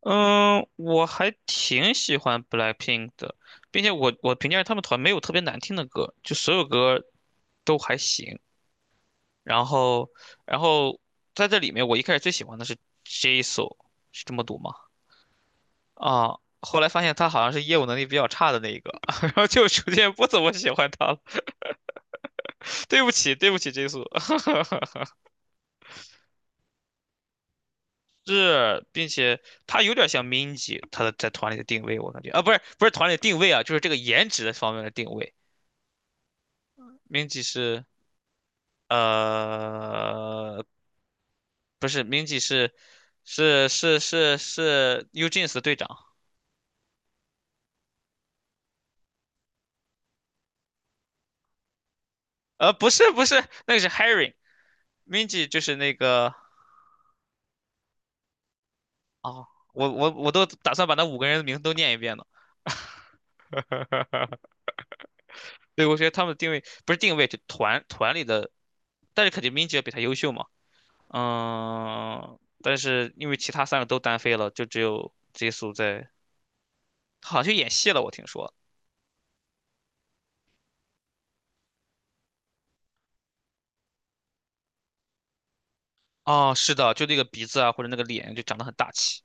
嗯，我还挺喜欢 BLACKPINK 的，并且我评价他们团没有特别难听的歌，就所有歌都还行。然后，然后，在这里面，我一开始最喜欢的是 Jisoo，是这么读吗？啊，后来发现他好像是业务能力比较差的那一个，然后就逐渐不怎么喜欢他了。对不起，对不起，Jisoo。是，并且他有点像 Minji，他的在团里的定位，我感觉啊，不是团里的定位啊，就是这个颜值的方面的定位。Minji 是。呃，不是 Mingy 是 Ujins 的队长，不是不是，那个是 Harry。Mingy 就是那个哦，我都打算把那五个人的名字都念一遍呢。对，我觉得他们的定位不是定位，就团里的，但是肯定 Mingy 要比他优秀嘛。嗯，但是因为其他三个都单飞了，就只有 Jisoo 在，好像去演戏了，我听说。哦，是的，就那个鼻子啊，或者那个脸就长得很大气。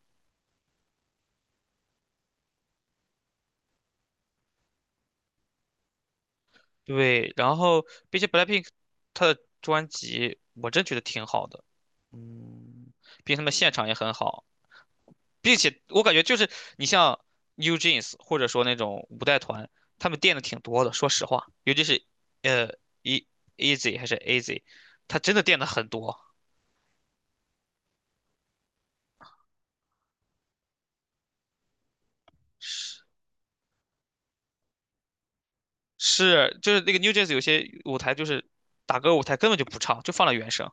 对，然后并且 BLACKPINK 他的专辑我真觉得挺好的，嗯，并且他们现场也很好，并且我感觉就是你像 New Jeans 或者说那种五代团，他们垫的挺多的，说实话，尤其是呃 E Easy 还是 AZ，他真的垫的很多，是是就是那个 New Jeans 有些舞台就是打歌舞台根本就不唱，就放了原声。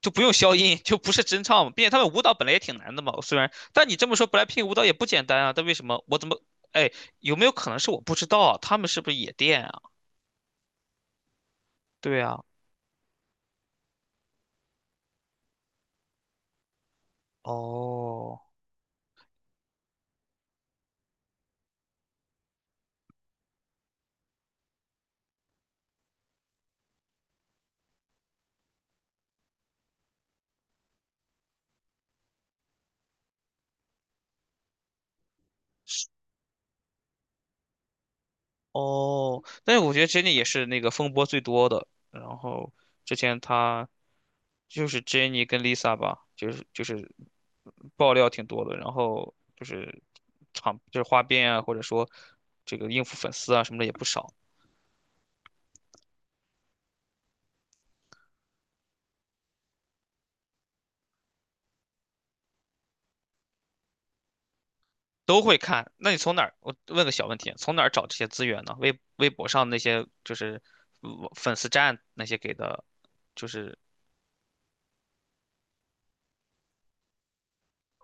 就不用消音，就不是真唱嘛。并且他们舞蹈本来也挺难的嘛，虽然，但你这么说，BLACKPINK 舞蹈也不简单啊。但为什么我怎么，哎，有没有可能是我不知道啊？他们是不是也电啊？对啊，哦哦，但是我觉得 Jennie 也是那个风波最多的。然后之前他就是 Jennie 跟 Lisa 吧，就是爆料挺多的，然后就是场就是花边啊，或者说这个应付粉丝啊什么的也不少。都会看。那你从哪儿？我问个小问题，从哪儿找这些资源呢？微博上那些就是呃粉丝站那些给的，就是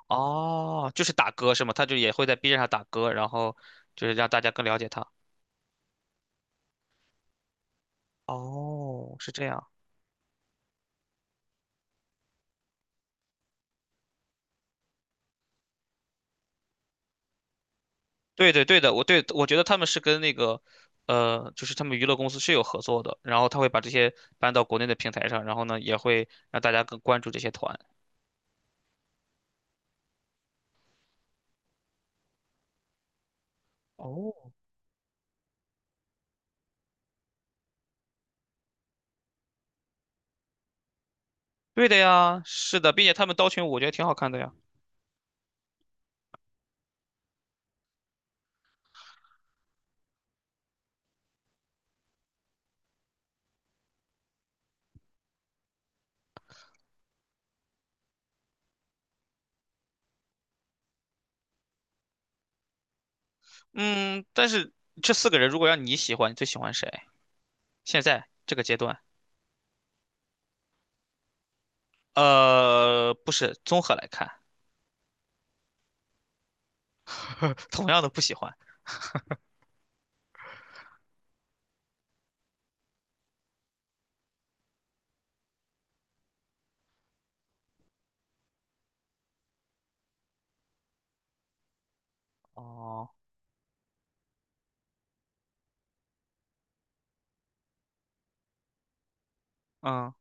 哦，就是打歌是吗？他就也会在 B 站上打歌，然后就是让大家更了解他。哦，是这样。对对对的，对，我觉得他们是跟那个，就是他们娱乐公司是有合作的，然后他会把这些搬到国内的平台上，然后呢，也会让大家更关注这些团。哦，对的呀，是的，并且他们刀群舞我觉得挺好看的呀。嗯，但是这四个人如果让你喜欢，你最喜欢谁？现在这个阶段，不是综合来看，同样的不喜欢。哦，嗯，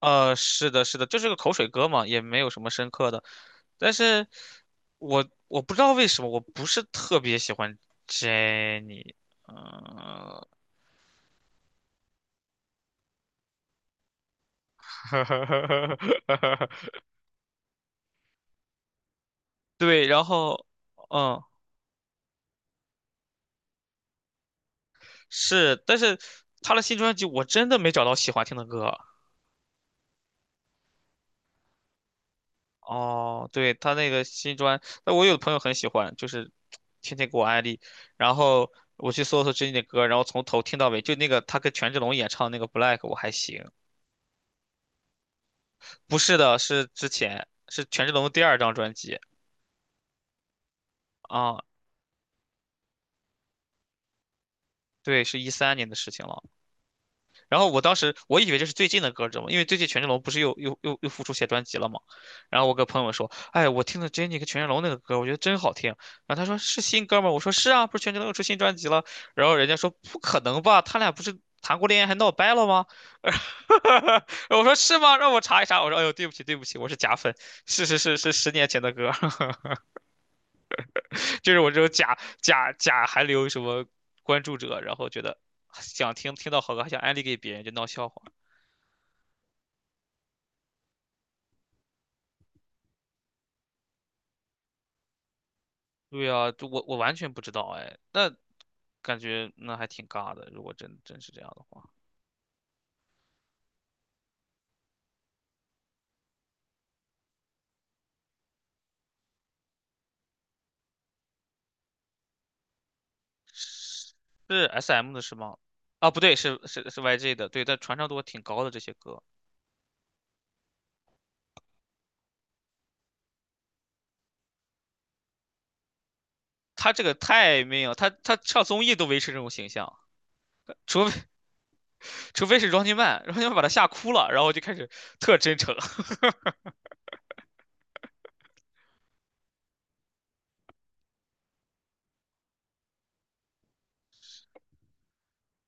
是的，是的，就是个口水歌嘛，也没有什么深刻的。但是我不知道为什么，我不是特别喜欢 Jenny。嗯，对，然后，嗯，是，但是他的新专辑我真的没找到喜欢听的歌。哦，对，他那个新专，那我有的朋友很喜欢，就是天天给我安利，然后我去搜搜最近的歌，然后从头听到尾，就那个他跟权志龙演唱那个《Black》，我还行。不是的，是之前，是权志龙的第二张专辑啊，对，是2013年的事情了。然后我当时以为这是最近的歌，知道吗？因为最近权志龙不是又又又又复出写专辑了嘛。然后我跟朋友们说，哎，我听了 Jennie 跟权志龙那个歌，我觉得真好听。然后他说是新歌吗？我说是啊，不是权志龙又出新专辑了。然后人家说不可能吧，他俩不是谈过恋爱还闹掰了吗？我说是吗？让我查一查。我说哎呦，对不起对不起，我是假粉，是是是是10年前的歌，就是我这种假假假还留什么关注者，然后觉得想听到好歌还想安利给别人，就闹笑话。对呀，就我完全不知道哎，那感觉那还挺尬的，如果真是这样的话，是 SM 的是吗？啊，不对，是是是 YG 的，对，但传唱度挺高的这些歌，他这个太没有，他上综艺都维持这种形象，除非 除非是 Running Man，Running Man 把他吓哭了，然后就开始特真诚，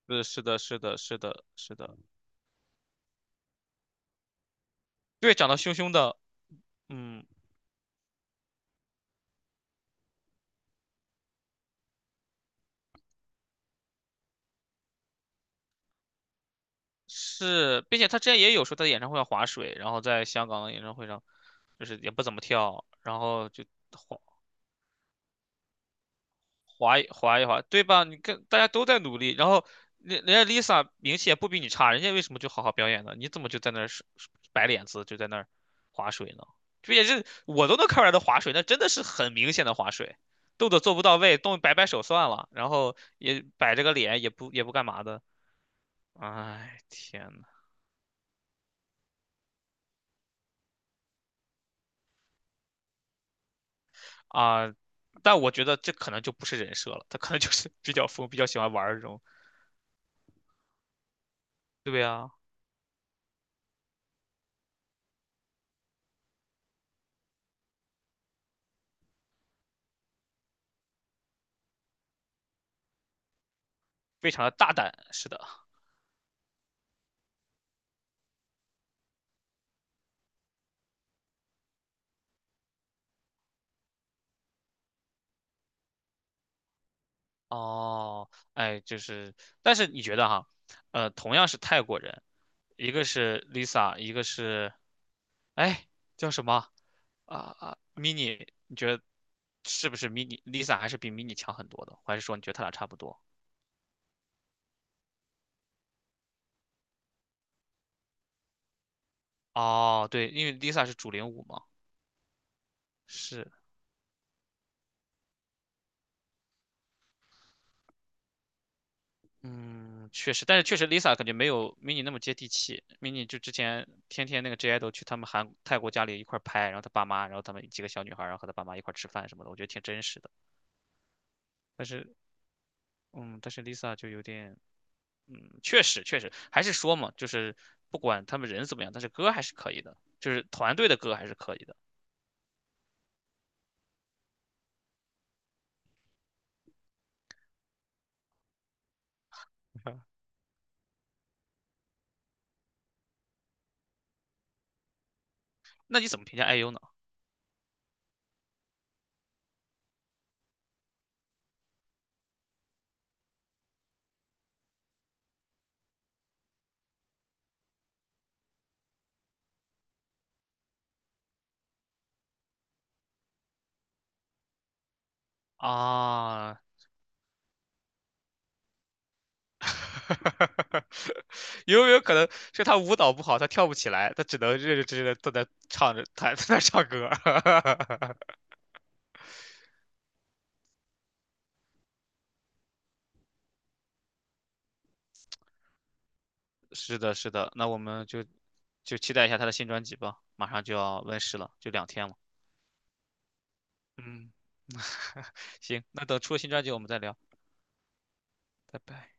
是是的是的是的是的，对，长得凶凶的，嗯，是，并且他之前也有说他的演唱会要划水，然后在香港的演唱会上。就是也不怎么跳，然后就划一划一划，对吧？你看大家都在努力，然后人家 Lisa 名气也不比你差，人家为什么就好好表演呢？你怎么就在那儿是摆脸子，就在那儿划水呢？这也是我都能看出来的划水，那真的是很明显的划水，动作做不到位，摆摆手算了，然后也摆着个脸，也不干嘛的。哎，天呐，啊！但我觉得这可能就不是人设了，他可能就是比较疯，比较喜欢玩儿这种，对啊，非常的大胆，是的。哦，哎，就是，但是你觉得哈，同样是泰国人，一个是 Lisa，一个是，哎，叫什么啊啊，Mini，你觉得是不是 Mini？Lisa 还是比 Mini 强很多的，还是说你觉得他俩差不多？哦，对，因为 Lisa 是主领舞嘛，是，嗯，确实，但是确实 Lisa 感觉没有 Mini 那么接地气，Mini 就之前天天那个 J idol 去他们韩泰国家里一块儿拍，然后他爸妈，然后他们几个小女孩儿，然后和他爸妈一块儿吃饭什么的，我觉得挺真实的。但是，嗯，但是 Lisa 就有点，嗯，确实确实，还是说嘛，就是不管他们人怎么样，但是歌还是可以的，就是团队的歌还是可以的。那你怎么评价 IU 呢？啊，有没有可能是他舞蹈不好，他跳不起来，他只能认认真真的坐在唱着，他 在那唱歌。是的，是的，那我们就期待一下他的新专辑吧，马上就要问世了，就2天了。嗯，行，那等出了新专辑我们再聊。拜拜。